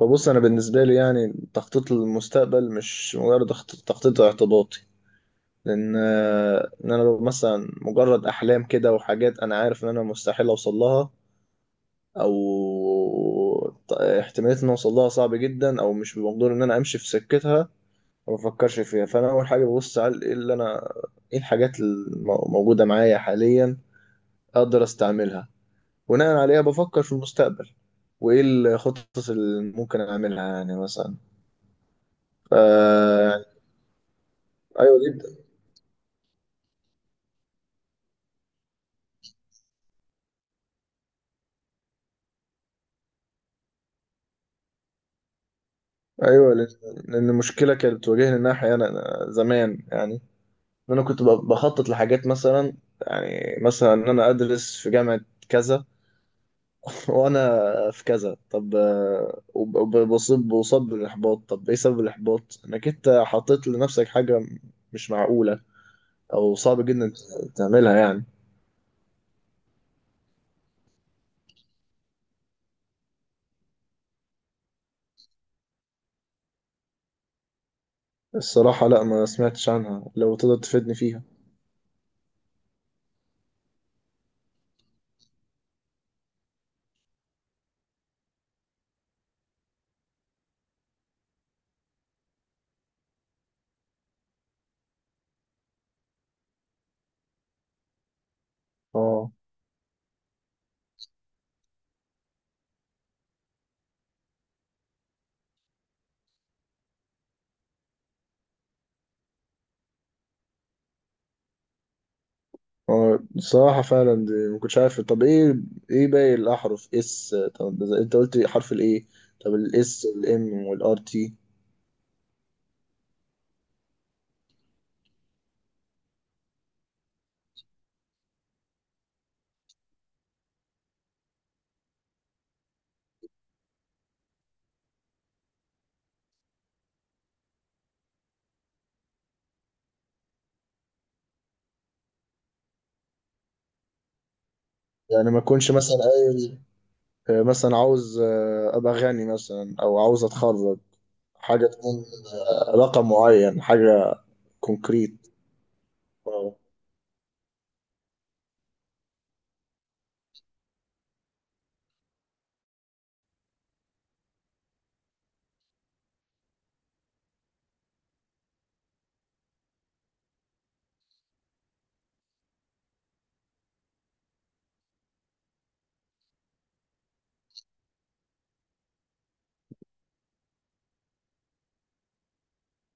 فبص انا بالنسبه لي، يعني تخطيط المستقبل مش مجرد تخطيط اعتباطي. لان ان انا لو مثلا مجرد احلام كده وحاجات، انا عارف ان انا مستحيل اوصل لها، او احتماليه ان أنا اوصل لها صعب جدا او مش بمقدور ان انا امشي في سكتها، ما بفكرش فيها. فانا اول حاجه ببص على ايه اللي انا، ايه الحاجات الموجوده معايا حاليا اقدر استعملها، بناء عليها بفكر في المستقبل وايه الخطط اللي ممكن اعملها يعني مثلا. آه، ايوه جدا. ايوه، لأن المشكله كانت بتواجهني ان انا احيانا زمان يعني، ان انا كنت بخطط لحاجات مثلا. يعني مثلا ان انا ادرس في جامعه كذا، وانا في كذا. طب بصب بالاحباط. طب ايه سبب الاحباط؟ انك انت حطيت لنفسك حاجه مش معقوله او صعب جدا تعملها يعني. الصراحه لا، ما سمعتش عنها، لو تقدر تفيدني فيها. اه. هو الصراحة فعلا دي ما كنتش عارف. طب ايه، باقي الأحرف، اس؟ طب ده انت قلت حرف الايه. طب الاس والام والار تي؟ يعني ما اكونش مثلا قايل مثلا عاوز ابقى غني مثلا او عاوز اتخرج. حاجة تكون رقم معين، حاجة كونكريت. اه.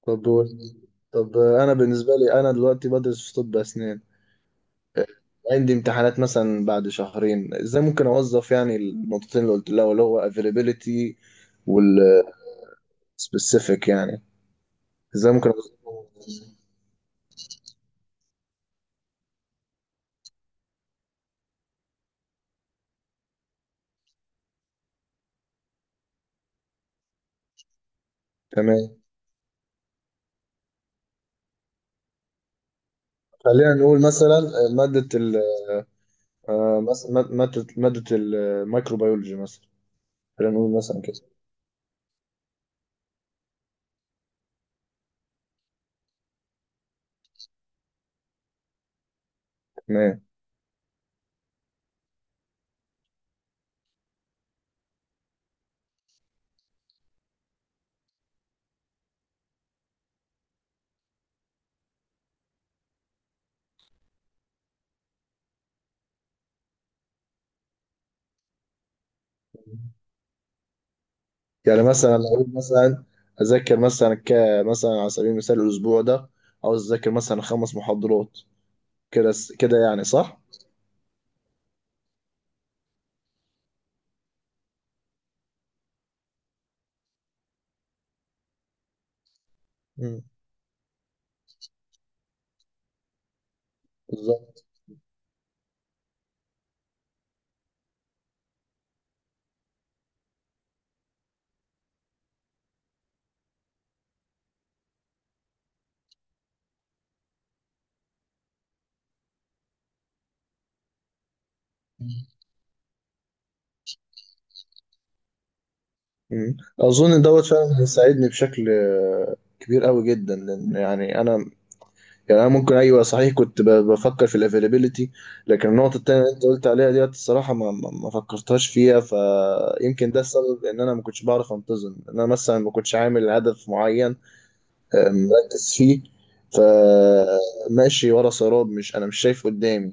طب طب انا بالنسبة لي انا دلوقتي بدرس في طب اسنان. عندي امتحانات مثلا بعد شهرين، ازاي ممكن اوظف يعني النقطتين اللي قلت لها، اللي هو availability، سبيسيفيك يعني. ازاي ممكن أوصفه؟ تمام. خلينا نقول مثلا مادة ال- مادة الميكروبيولوجي مثلا. خلينا نقول مثلا كده. تمام. يعني مثلا لو أقول مثلا أذاكر مثلا مثلا، على سبيل المثال، الأسبوع ده عاوز أذاكر مثلا 5 محاضرات كده. كده يعني، صح؟ مم. بالظبط. مم. أظن دوت فعلا هيساعدني بشكل كبير قوي جدا، لأن يعني أنا، يعني انا ممكن، ايوه صحيح، كنت بفكر في الافيلابيلتي. لكن النقطه التانيه اللي انت قلت عليها ديت، الصراحه ما فكرتهاش فيها. فيمكن ده السبب ان انا ما كنتش بعرف انتظم، ان انا مثلا ما كنتش عامل هدف معين مركز فيه، فماشي ورا سراب، مش انا مش شايف قدامي.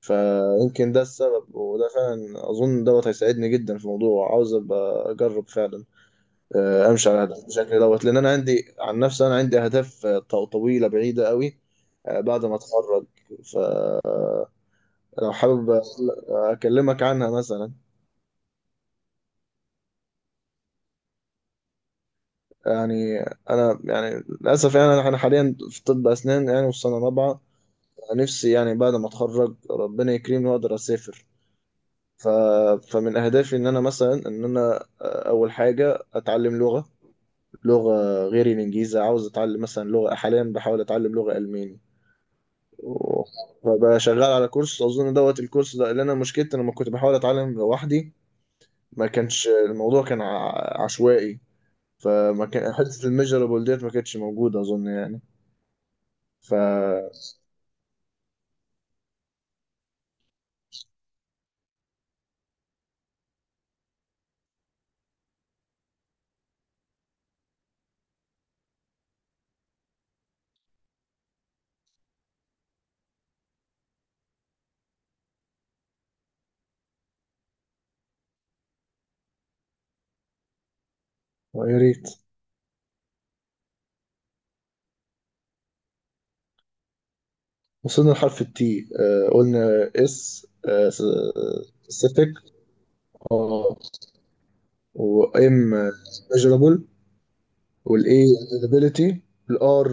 فيمكن ده السبب، وده فعلا اظن دوت هيساعدني جدا في الموضوع، عاوز ابقى اجرب فعلا امشي على هدف بشكل دوت، لان انا عندي، عن نفسي، انا عندي اهداف طويله بعيده قوي بعد ما اتخرج. فلو حابب اكلمك عنها مثلا. يعني انا، يعني للاسف، يعني انا حاليا في طب اسنان يعني في سنه رابعه. نفسي يعني بعد ما اتخرج ربنا يكرمني واقدر اسافر. ف... فمن اهدافي ان انا مثلا، ان انا آه، اول حاجه اتعلم لغه، لغه غير الانجليزي. عاوز اتعلم مثلا لغه، حاليا بحاول اتعلم لغه الماني. بقى شغال على كورس اظن دوت. الكورس ده اللي انا مشكلتي انا لما كنت بحاول اتعلم لوحدي، ما كانش الموضوع، كان عشوائي. فما كان حته الميجرابل ديت ما كانتش موجوده اظن يعني. ف يا ريت. وصلنا لحرف التي. قلنا اس، سبيسيفيك. اه. وام، ميجرابل. والاي، ability. الار.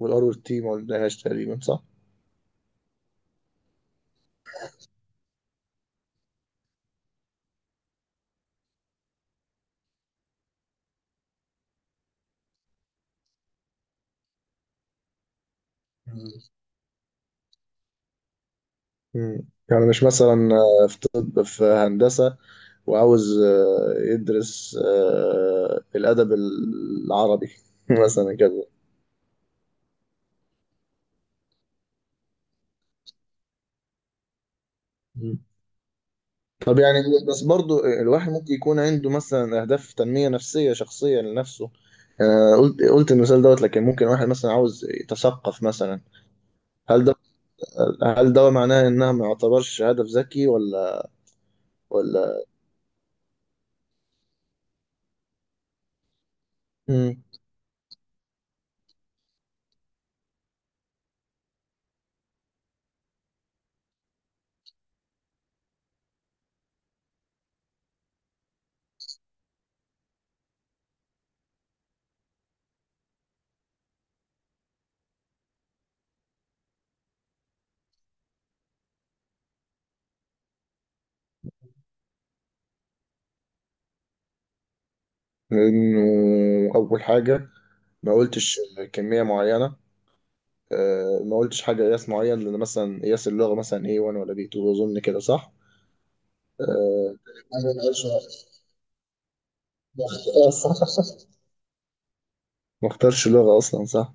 والتي ما قلناهاش تقريبا، صح؟ مم. يعني مش مثلا في طب، في هندسة وعاوز يدرس الأدب العربي. مثلا كده. مم. طب يعني، بس برضو الواحد ممكن يكون عنده مثلا أهداف تنمية نفسية شخصية لنفسه. قلت المثال دوت، لكن ممكن واحد مثلا عاوز يتثقف مثلا. هل ده هل ده معناه إنها ما يعتبرش هدف ذكي، ولا؟ ولا؟ مم. لأنه أول حاجة ما قلتش كمية معينة. ما قلتش حاجة قياس معين، لأن مثلا قياس اللغة مثلا A1 ولا B2، أظن كده، صح؟ آه، أنا ما قلتش- ما اخت- آه، صح. ما اختارش لغة أصلا، صح؟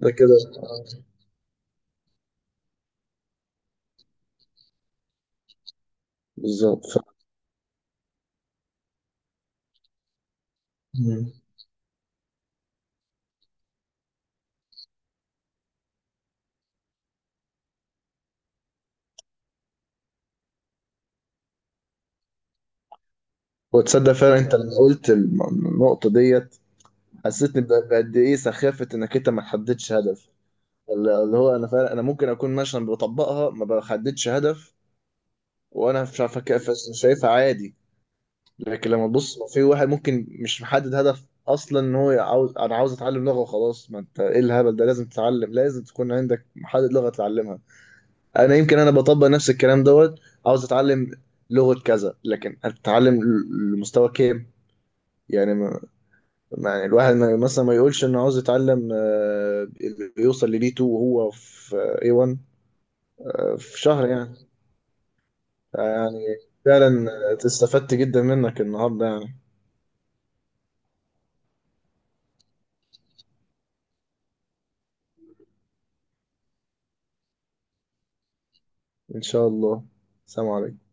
ده كده بالظبط. مم. وتصدق فعلا أنت لما قلت النقطة ديت حسيتني بقد إيه سخافة إنك أنت ما تحددش هدف. اللي هو أنا فعلا، أنا ممكن أكون مثلا بطبقها، ما بحددش هدف وأنا شايفها، شايفها عادي. لكن لما تبص لو في واحد ممكن مش محدد هدف اصلا، ان هو عاوز، انا عاوز اتعلم لغه وخلاص، ما انت ايه الهبل ده؟ لازم تتعلم، لازم تكون عندك محدد لغه تتعلمها. انا يمكن، انا بطبق نفس الكلام دوت. عاوز اتعلم لغه كذا، لكن اتعلم لمستوى كام يعني. ما يعني الواحد، ما مثلا ما يقولش انه عاوز يتعلم يوصل للي 2 وهو في اي 1 في شهر يعني. يعني فعلا استفدت جدا منك النهارده يعني. ان شاء الله. سلام عليكم.